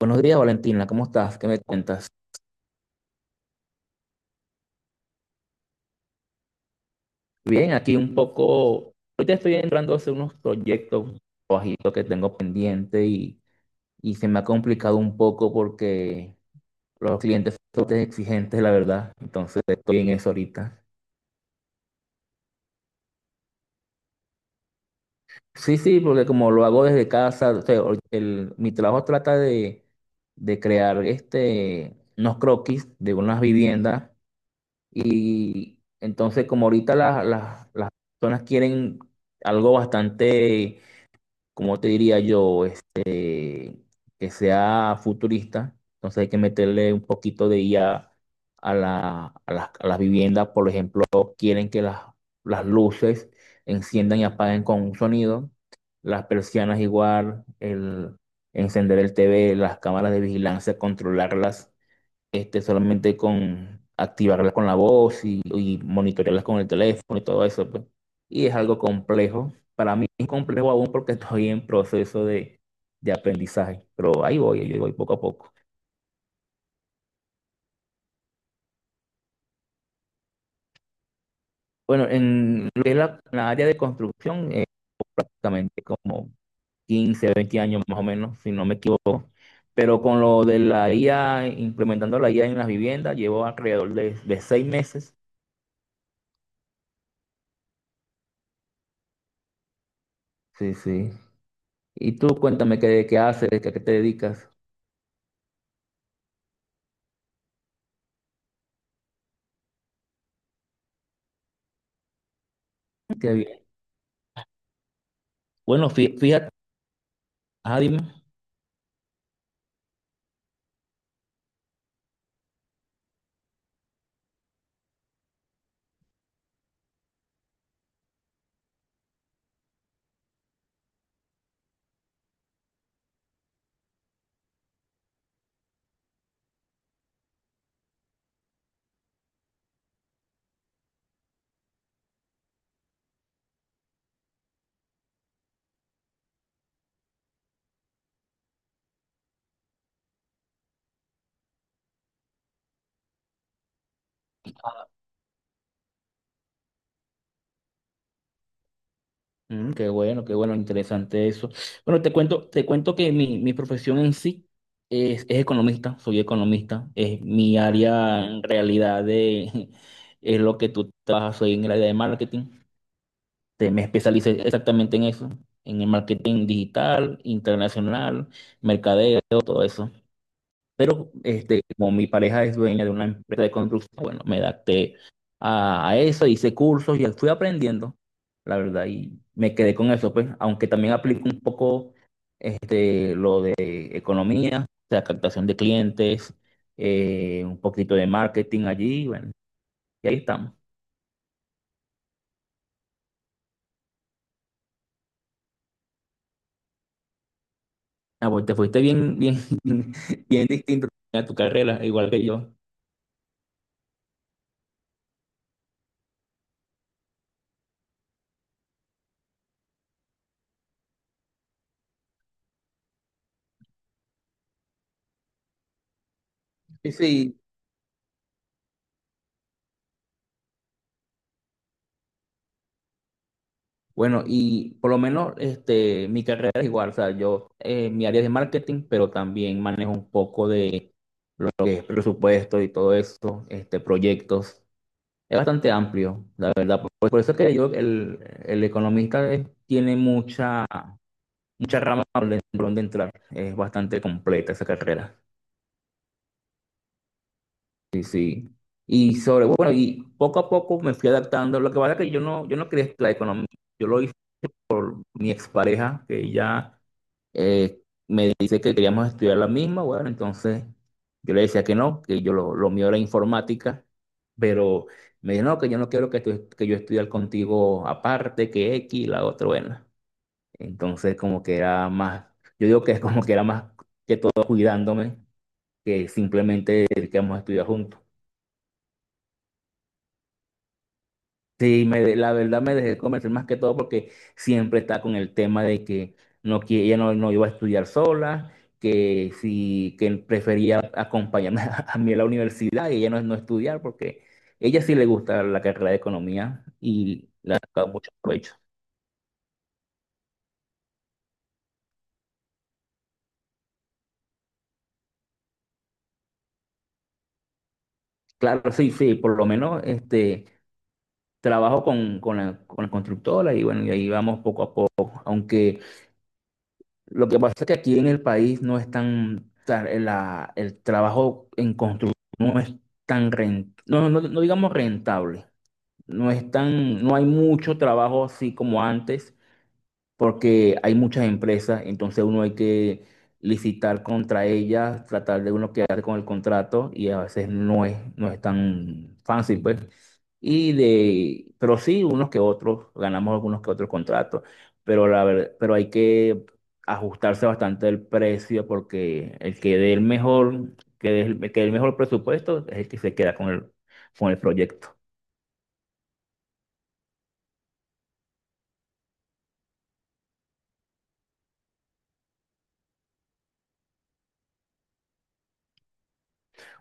Buenos días, Valentina, ¿cómo estás? ¿Qué me cuentas? Bien, aquí un poco, ahorita estoy entrando a hacer unos proyectos bajitos que tengo pendiente y se me ha complicado un poco porque los clientes son bastante exigentes, la verdad, entonces estoy en eso ahorita. Sí, sí, porque como lo hago desde casa, o sea, ahorita mi trabajo trata de crear este, unos croquis de unas viviendas. Y entonces, como ahorita las personas quieren algo bastante, como te diría yo, este, que sea futurista, entonces hay que meterle un poquito de IA a las viviendas. Por ejemplo, quieren que las luces enciendan y apaguen con un sonido, las persianas igual, el encender el TV, las cámaras de vigilancia, controlarlas este, solamente con activarlas con la voz y monitorearlas con el teléfono y todo eso, pues. Y es algo complejo. Para mí es complejo aún porque estoy en proceso de aprendizaje, pero ahí voy poco a poco. Bueno, en lo que es la área de construcción, prácticamente como 15-20 años más o menos, si no me equivoco. Pero con lo de la IA, implementando la IA en las viviendas, llevo alrededor de 6 meses. Sí, sí. Y tú cuéntame qué haces, a qué te dedicas. Qué bien. Bueno, fíjate, ah, dime. Mm, qué bueno, interesante eso. Bueno, te cuento que mi profesión en sí es economista, soy economista, es mi área en realidad de, es lo que tú trabajas, soy en el área de marketing, me especialicé exactamente en eso, en el marketing digital, internacional, mercadeo, todo eso. Pero este, como mi pareja es dueña de una empresa de construcción, bueno, me adapté a eso, hice cursos y fui aprendiendo, la verdad, y me quedé con eso, pues, aunque también aplico un poco este, lo de economía, o sea, captación de clientes, un poquito de marketing allí, bueno, y ahí estamos. Ah, pues te fuiste bien, bien, bien distinto a tu carrera, igual que yo. Sí, sí. Bueno, y por lo menos este, mi carrera es igual, o sea, yo, mi área es de marketing, pero también manejo un poco de lo que es presupuesto y todo eso, este, proyectos. Es bastante amplio, la verdad. Por eso es que yo, el economista tiene mucha, mucha rama por donde entrar. Es bastante completa esa carrera. Sí, sí. Y poco a poco me fui adaptando. Lo que pasa es que yo no quería estudiar economía. Yo lo hice con mi expareja, que ya dice que queríamos estudiar la misma, bueno, entonces yo le decía que no, que yo lo mío era informática, pero me dijo, no, que yo no quiero que, que yo estudie contigo aparte, que X, la otra, bueno. Entonces como que era más, yo digo que es como que era más cuidándome que simplemente que queríamos estudiar juntos. Sí, la verdad me dejé convencer más que todo porque siempre está con el tema de que no, que ella no iba a estudiar sola, que sí, que prefería acompañarme a mí a la universidad y ella no estudiar porque ella sí le gusta la carrera de economía y le ha sacado mucho provecho. Claro, sí, sí, por lo menos este, trabajo con la constructora y bueno, y ahí vamos poco a poco, aunque… Lo que pasa es que aquí en el país no es tan, o sea, el trabajo en construcción no digamos rentable, no es tan, no hay mucho trabajo así como antes, porque hay muchas empresas, entonces uno hay que licitar contra ellas, tratar de uno quedar con el contrato y a veces no es tan fácil, pues. Pero sí, unos que otros, ganamos algunos que otros contratos, pero hay que ajustarse bastante el precio porque el que dé el mejor, que dé el mejor presupuesto es el que se queda con el proyecto.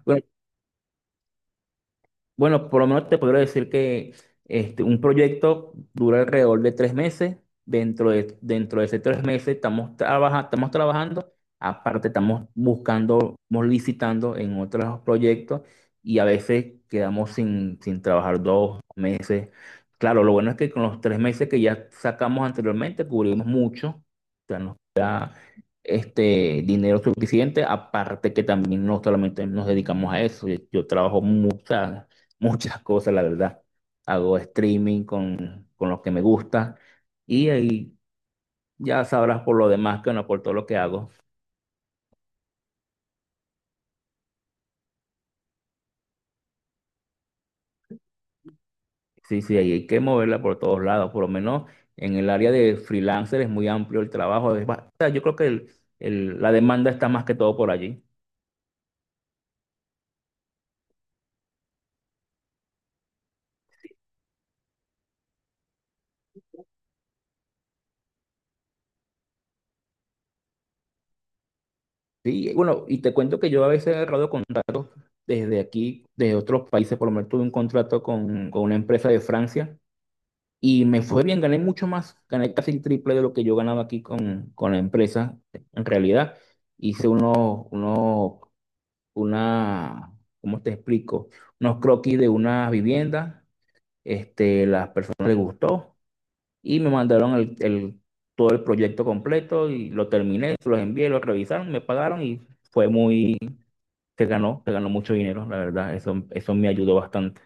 Bueno, Bueno, por lo menos te podría decir que este, un proyecto dura alrededor de 3 meses. Dentro de esos 3 meses estamos, estamos trabajando. Aparte, estamos buscando, estamos licitando en otros proyectos y a veces quedamos sin trabajar 2 meses. Claro, lo bueno es que con los 3 meses que ya sacamos anteriormente cubrimos mucho este dinero suficiente, aparte que también no solamente nos dedicamos a eso, yo trabajo muchas, muchas cosas, la verdad. Hago streaming con lo que me gusta y ahí ya sabrás por lo demás que no, por todo lo que hago. Sí, sí, ahí hay que moverla por todos lados, por lo menos en el área de freelancer es muy amplio el trabajo. O sea, yo creo que la demanda está más que todo por allí. Sí, bueno, y te cuento que yo a veces he agarrado contratos desde aquí, de otros países, por lo menos tuve un contrato con una empresa de Francia y me fue bien, gané mucho más, gané casi el triple de lo que yo ganaba aquí con la empresa. En realidad, hice una, ¿cómo te explico? Unos croquis de una vivienda, este, las personas les gustó y me mandaron todo el proyecto completo y lo terminé, se los envié, lo revisaron, me pagaron y fue muy que ganó mucho dinero, la verdad, eso me ayudó bastante.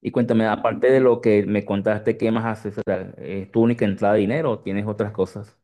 Y cuéntame, aparte de lo que me contaste, ¿qué más haces? O sea, ¿es tu única entrada de dinero o tienes otras cosas?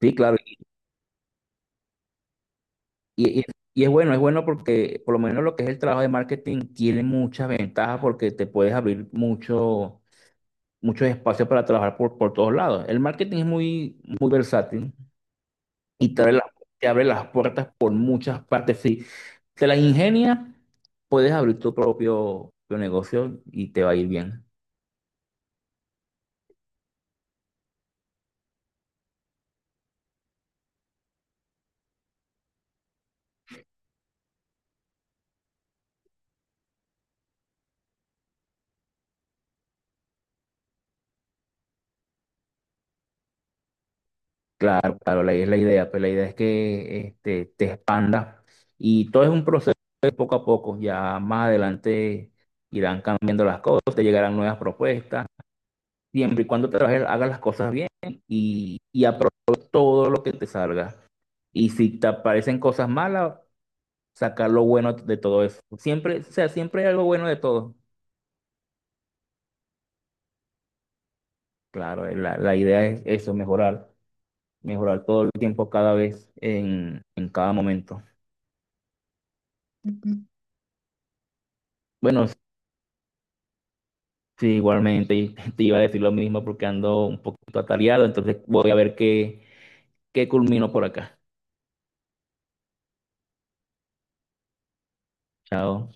Sí, claro, y, y- y es bueno porque por lo menos lo que es el trabajo de marketing tiene muchas ventajas porque te puedes abrir muchos espacios para trabajar por todos lados. El marketing es muy, muy versátil y te abre, te abre las puertas por muchas partes. Si te las ingenias, puedes abrir tu propio, propio negocio y te va a ir bien. Claro, claro, es la idea, pero la idea es que este, te expandas y todo es un proceso de poco a poco. Ya más adelante irán cambiando las cosas, te llegarán nuevas propuestas, siempre y cuando trabajes, hagas las cosas bien y aproveches todo lo que te salga. Y si te aparecen cosas malas, sacar lo bueno de todo eso. Siempre, o sea, siempre hay algo bueno de todo. Claro, la idea es eso, mejorar, mejorar todo el tiempo, cada vez, en cada momento. Bueno, sí, igualmente y te iba a decir lo mismo porque ando un poquito atareado, entonces voy a ver qué culmino por acá. Chao.